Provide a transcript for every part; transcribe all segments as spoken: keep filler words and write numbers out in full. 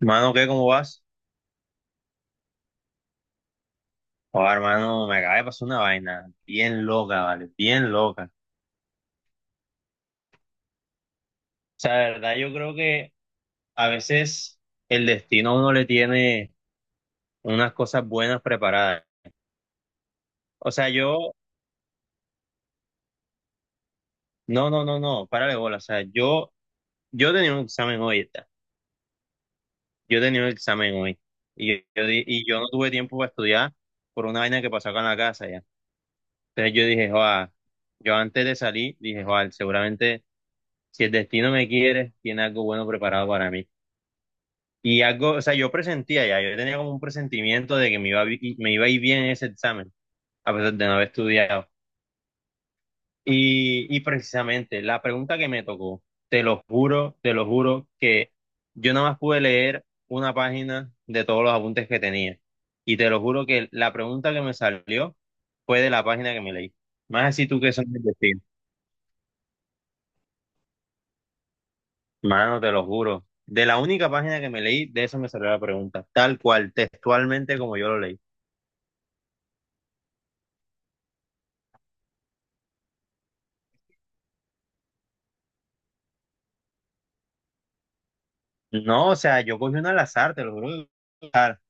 Mano, ¿qué? ¿Cómo vas? Oh, hermano, me acaba de pasar una vaina bien loca, ¿vale? Bien loca. O sea, de verdad, yo creo que a veces el destino a uno le tiene unas cosas buenas preparadas. O sea, yo, no, no, no, no, párale bola. O sea, yo, yo tenía un examen hoy, ¿está? Yo tenía un examen hoy. Y yo, yo di- y yo no tuve tiempo para estudiar por una vaina que pasó acá en la casa, ¿ya? Entonces yo dije, joa, yo antes de salir, dije, joa, seguramente si el destino me quiere, tiene algo bueno preparado para mí. Y algo, o sea, yo presentía ya, yo tenía como un presentimiento de que me iba, a vi- me iba a ir bien en ese examen, a pesar de no haber estudiado. Y, y precisamente la pregunta que me tocó, te lo juro, te lo juro, que yo nada más pude leer una página de todos los apuntes que tenía. Y te lo juro que la pregunta que me salió fue de la página que me leí. Más así tú que sabes decir, mano, te lo juro. De la única página que me leí, de eso me salió la pregunta, tal cual, textualmente como yo lo leí. No, o sea, yo cogí una al azar, te lo juro, que cogí una al azar.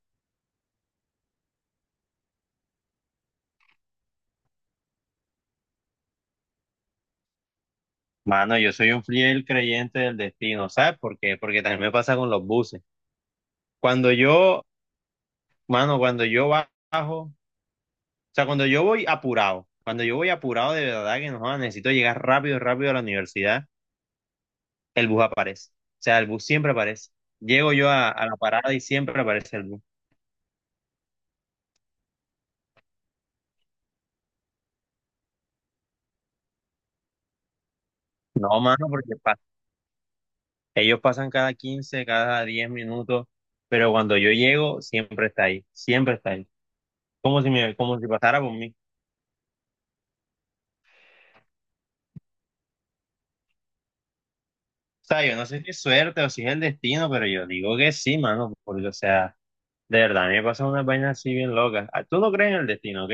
Mano, yo soy un fiel creyente del destino, ¿sabes por qué? Porque también me pasa con los buses. Cuando yo, mano, cuando yo bajo, o sea, cuando yo voy apurado, cuando yo voy apurado de verdad que no, joda, necesito llegar rápido, rápido a la universidad, el bus aparece. O sea, el bus siempre aparece. Llego yo a, a la parada y siempre aparece el bus. No, mano, porque pa- ellos pasan cada quince, cada diez minutos, pero cuando yo llego, siempre está ahí, siempre está ahí, como si me, como si pasara por mí. O sea, yo no sé si es suerte o si es el destino, pero yo digo que sí, mano, porque, o sea, de verdad, a mí me pasan unas vainas así bien locas. Ah, tú no crees en el destino, ¿ok?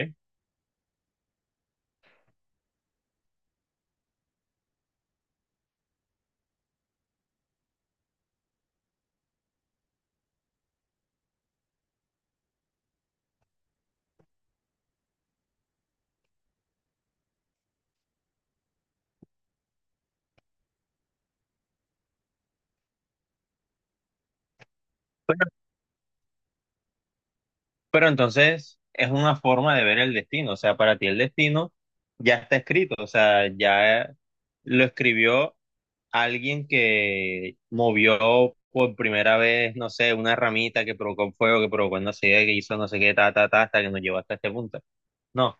Pero, pero entonces es una forma de ver el destino, o sea, para ti el destino ya está escrito, o sea, ya lo escribió alguien que movió por primera vez, no sé, una ramita que provocó fuego, que provocó no sé qué, que hizo no sé qué, ta, ta, ta, hasta que nos llevó hasta este punto. No.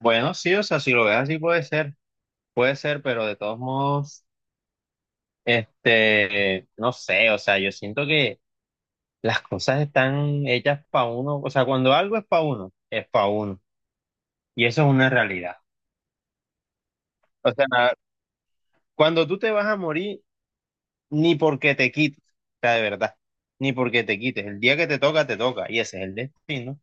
Bueno, sí, o sea, si lo ves así puede ser. Puede ser, pero de todos modos, este, no sé, o sea, yo siento que las cosas están hechas para uno, o sea, cuando algo es para uno, es para uno, y eso es una realidad. O sea, na- cuando tú te vas a morir, ni porque te quites, o sea, de verdad, ni porque te quites, el día que te toca, te toca, y ese es el destino.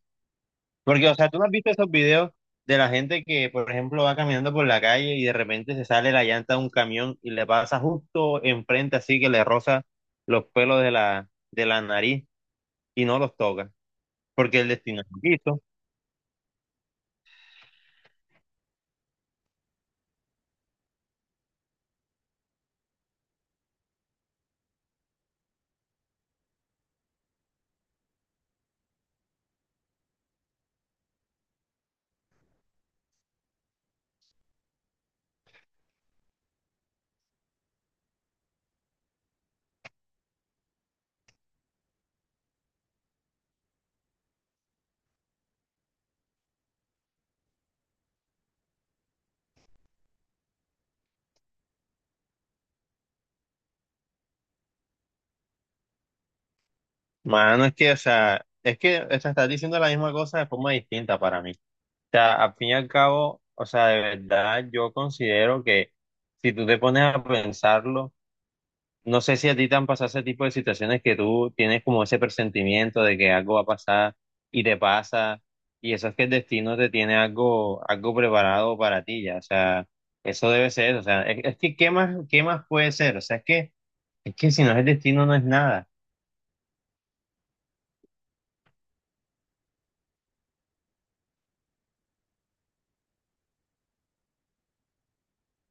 Porque, o sea, tú no has visto esos videos de la gente que, por ejemplo, va caminando por la calle y de repente se sale la llanta de un camión y le pasa justo enfrente, así que le roza los pelos de la, de la nariz y no los toca, porque el destino es poquito. Mano, es que, o sea, es que, o sea, estás diciendo la misma cosa de forma distinta para mí. O sea, al fin y al cabo, o sea, de verdad, yo considero que si tú te pones a pensarlo, no sé si a ti te han pasado ese tipo de situaciones, que tú tienes como ese presentimiento de que algo va a pasar y te pasa, y eso es que el destino te tiene algo, algo preparado para ti ya, o sea, eso debe ser, o sea, es, es que ¿qué más, qué más puede ser? O sea, es que, es que si no es el destino no es nada.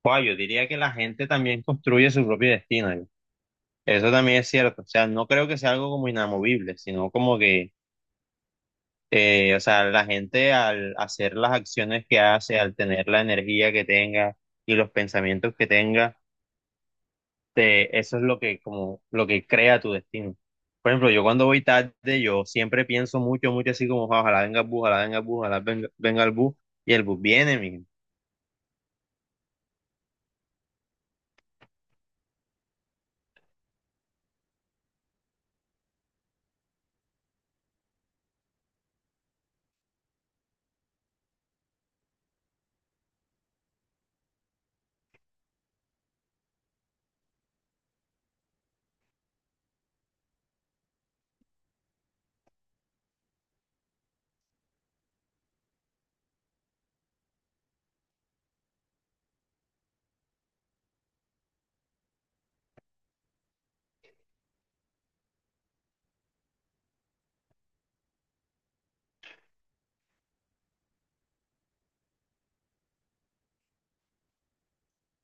Guau, yo diría que la gente también construye su propio destino, yo. Eso también es cierto, o sea, no creo que sea algo como inamovible, sino como que, eh, o sea, la gente al hacer las acciones que hace, al tener la energía que tenga y los pensamientos que tenga, te- eso es lo que como lo que crea tu destino. Por ejemplo, yo cuando voy tarde, yo siempre pienso mucho, mucho así como, "Ah, ojalá venga el bus, ojalá venga el bus, ojalá venga, venga el bus", y el bus viene, mi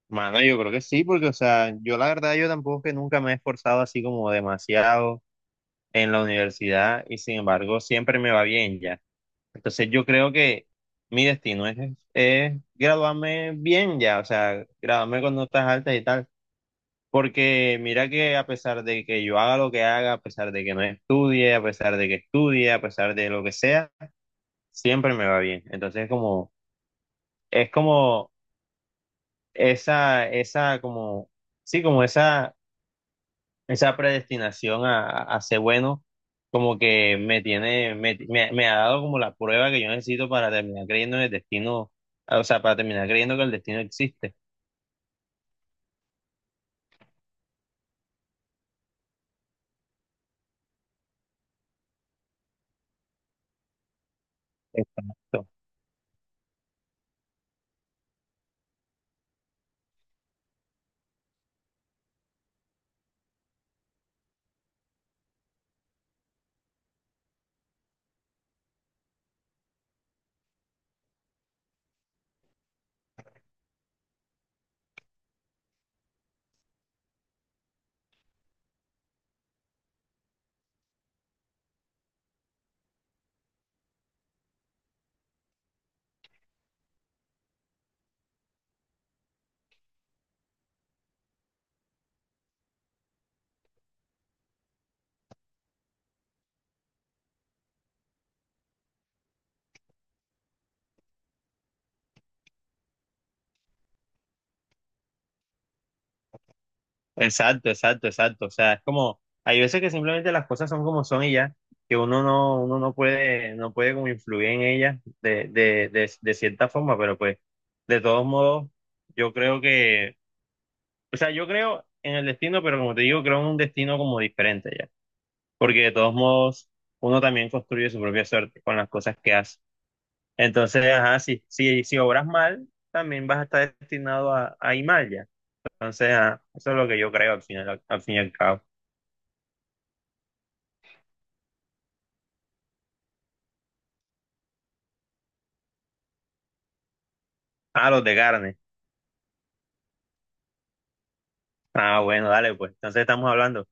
mano, yo creo que sí, porque, o sea, yo la verdad, yo tampoco es que nunca me he esforzado así como demasiado en la universidad, y sin embargo, siempre me va bien ya. Entonces yo creo que mi destino es, es graduarme bien ya, o sea, graduarme con notas altas y tal. Porque mira que a pesar de que yo haga lo que haga, a pesar de que no estudie, a pesar de que estudie, a pesar de lo que sea, siempre me va bien. Entonces como, es como esa, esa, como, sí, como esa esa predestinación a, a ser bueno, como que me tiene, me, me- me ha dado como la prueba que yo necesito para terminar creyendo en el destino, o sea, para terminar creyendo que el destino existe. Exacto. Exacto, exacto, exacto. O sea, es como, hay veces que simplemente las cosas son como son y ya, que uno no, uno no puede, no puede como influir en ellas de, de, de, de cierta forma, pero pues, de todos modos, yo creo que, o sea, yo creo en el destino, pero como te digo, creo en un destino como diferente ya. Porque de todos modos uno también construye su propia suerte con las cosas que hace. Entonces, ajá, si, si, si obras mal, también vas a estar destinado a, a ir mal ya. Entonces, ajá, eso es lo que yo creo al final, al fin y al cabo. Ah, los de carne. Ah, bueno, dale, pues. Entonces estamos hablando.